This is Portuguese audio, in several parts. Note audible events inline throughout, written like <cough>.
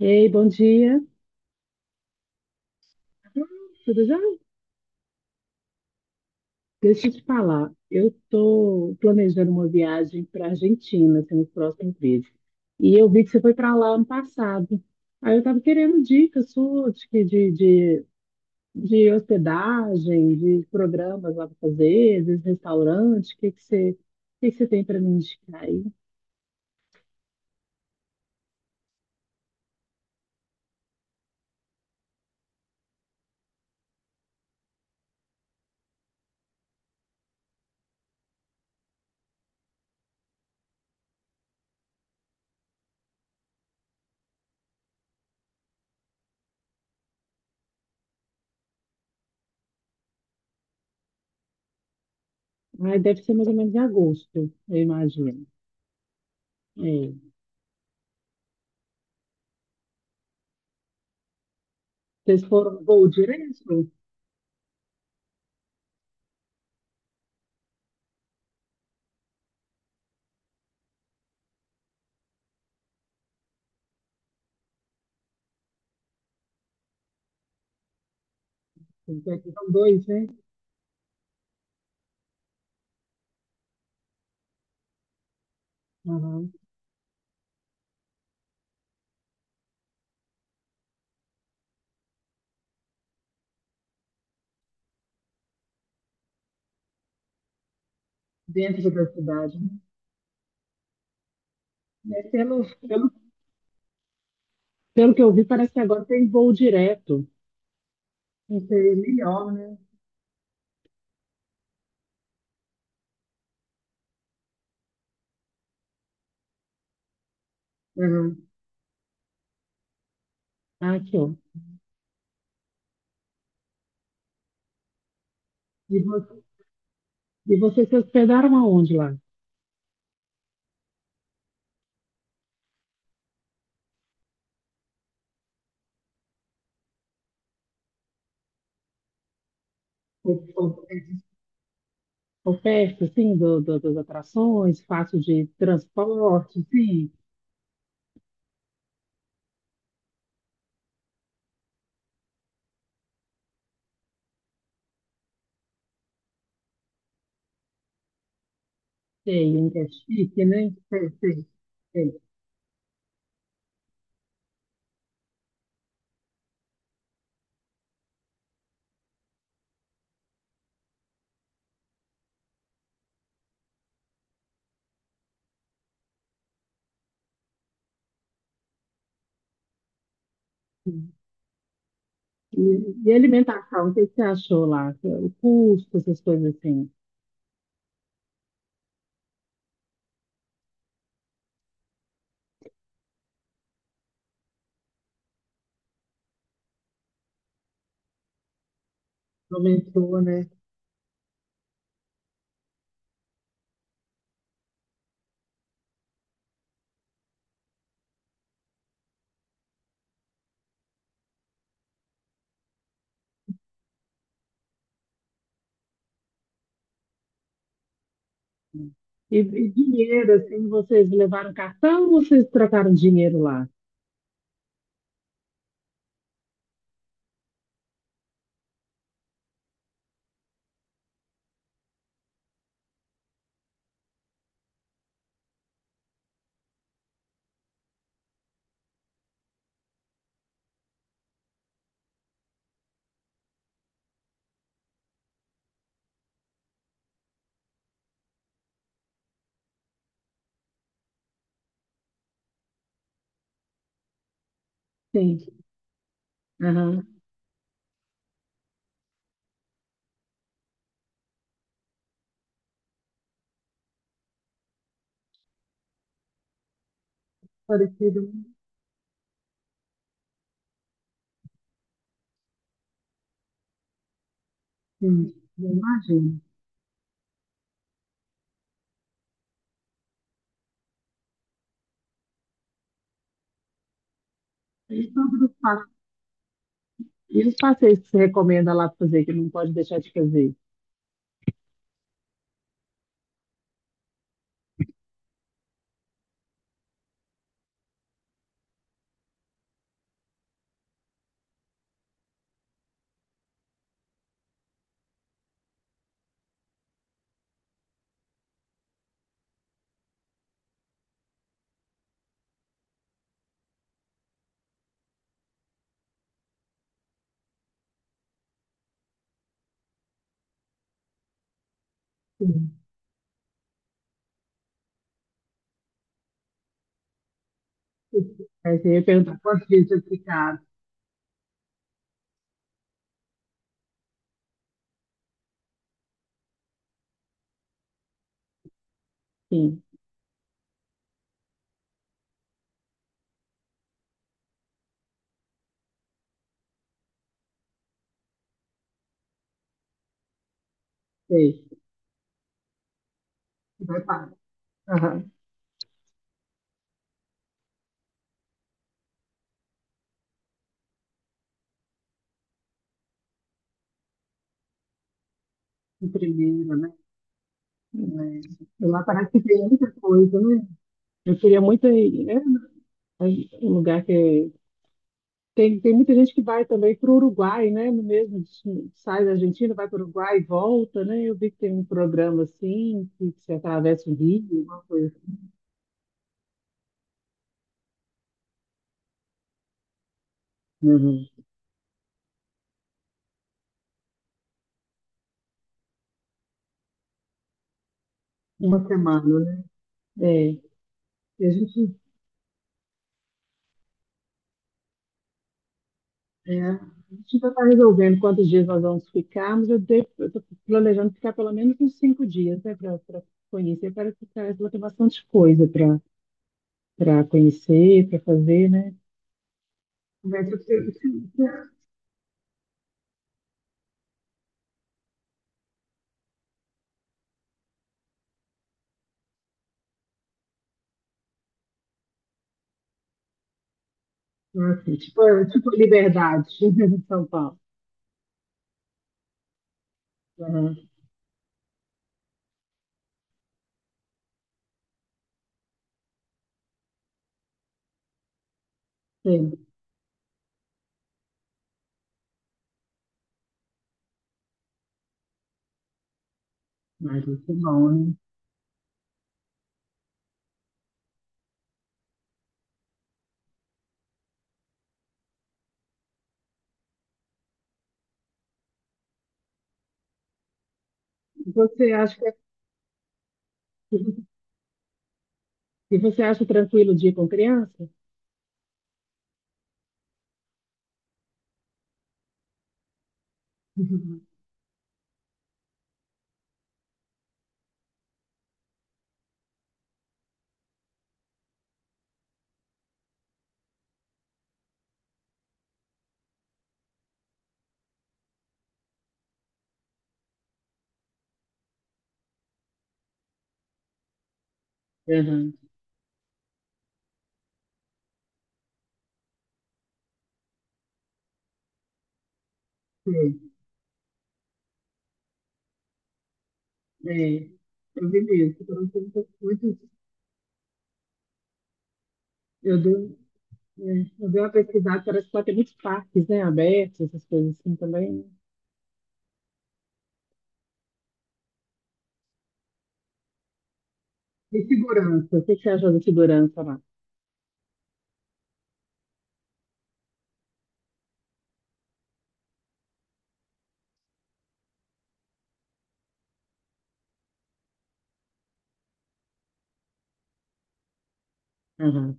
Ei, bom dia. Tudo já? Deixa eu te falar. Eu estou planejando uma viagem para a Argentina assim, nos próximos meses. E eu vi que você foi para lá ano passado. Aí eu estava querendo dicas suas de hospedagem, de programas lá para fazer, de restaurante. O que que você tem para me indicar aí? Aí deve ser mais ou menos em agosto, eu imagino. É. Vocês foram voo direto? Porque aqui são dois, né? Aham. Dentro da cidade. Né? Pelo que eu vi, parece que agora tem voo direto. Vai ser melhor, né? Uhum. Ah, aqui, ó. E, vo- e vocês se hospedaram aonde lá? O- o- Oferta, assim, das atrações, fácil de transporte, sim. Sei, é chique, né? Sei, sei, sei. E, e alimentação, o que você achou lá? O custo, essas coisas assim. Aumentou, né? E dinheiro, assim, vocês levaram cartão ou vocês trocaram dinheiro lá? Sim. Aham. Parecido. Sim, eu imagino. E sobre os passeios, e os passeios que você recomenda lá pra fazer, que não pode deixar de fazer? Sim. Aí você ia perguntar quantos dias eu ficar. Sim, sei. Vai para. Aham. O primeiro, né? É. Lá parece que tem muita coisa, né? Eu queria muito ir, né? É um lugar que tem muita gente que vai também para o Uruguai, né? No mesmo destino, sai da Argentina, vai para o Uruguai e volta, né? Eu vi que tem um programa assim, que você atravessa o rio, uma coisa, assim. Uhum. Uma semana, né? É, e a gente, a gente ainda está resolvendo quantos dias nós vamos ficar, mas eu estou planejando ficar pelo menos uns 5 dias, né? Para conhecer, parece que tem bastante coisa para conhecer, para fazer, né? Mas, assim, tipo liberdade <laughs> em São Paulo. Aham, sei. Mas isso é bom, né? E Você acha que é- e você acha tranquilo de ir com criança? Uhum. Aham, sei. É, eu vi isso. Por um tempo, muito, eu dei, eu dei uma pesquisada, parece que lá tem muitos parques, né, abertos, essas coisas assim também. Né? E segurança, o que que você acha da segurança lá? Aham.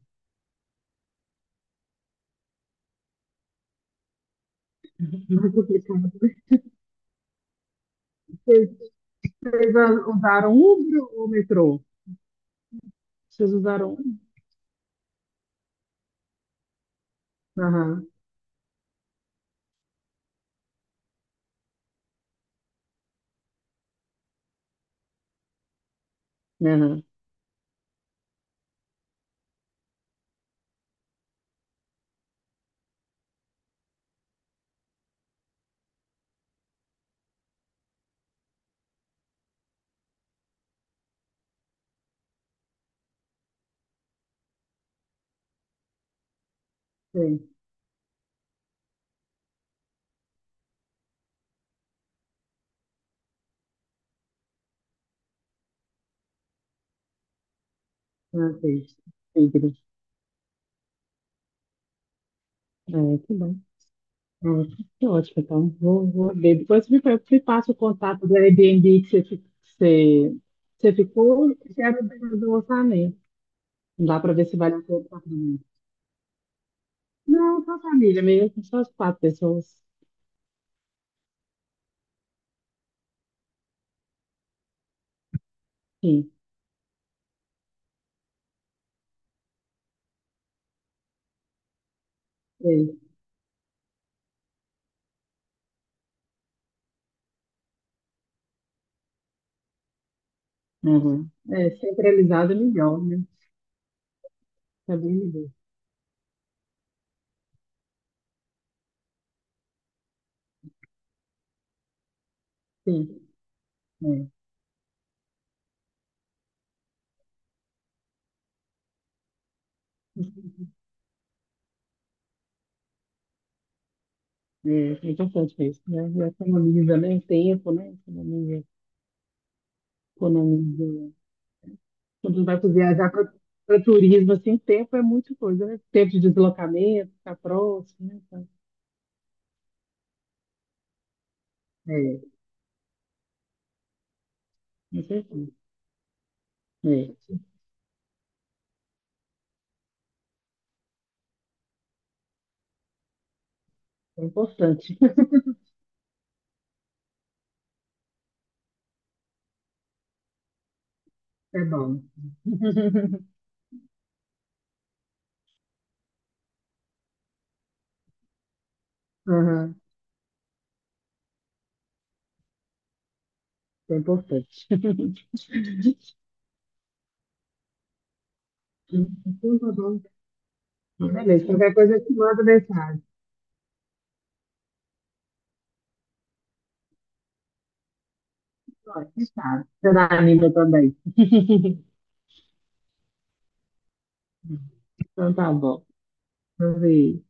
Mais complicado. Vocês, vocês usaram Uber ou metrô? Vocês usaram Uber? Aham, aham, ah, fez. Signo. É, que bom. Ótimo, que ótimo. Então, vou ver. Depois me passa o contato do Airbnb que você, você ficou e quero ver do orçamento. Dá para ver se vale a pena o apartamento. Não, só família mesmo, só as quatro pessoas. Sim, três. Uhum. É, centralizado é melhor, né? Tá bem melhor. Sim, é, é importante mesmo, né? E economiza, né? Tempo, né? Economiza, economiza. Quando vai para viajar para turismo, assim, tempo é muita coisa, né? Tempo de deslocamento, ficar próximo, né? Então, é, com certeza. É, é importante. <laughs> É bom. <laughs> Aham, é importante. <laughs> Então, tá bom. Beleza, qualquer coisa eu te mando mensagem. Ó, que sabe. Você dá anima também. Então tá bom. Talvez.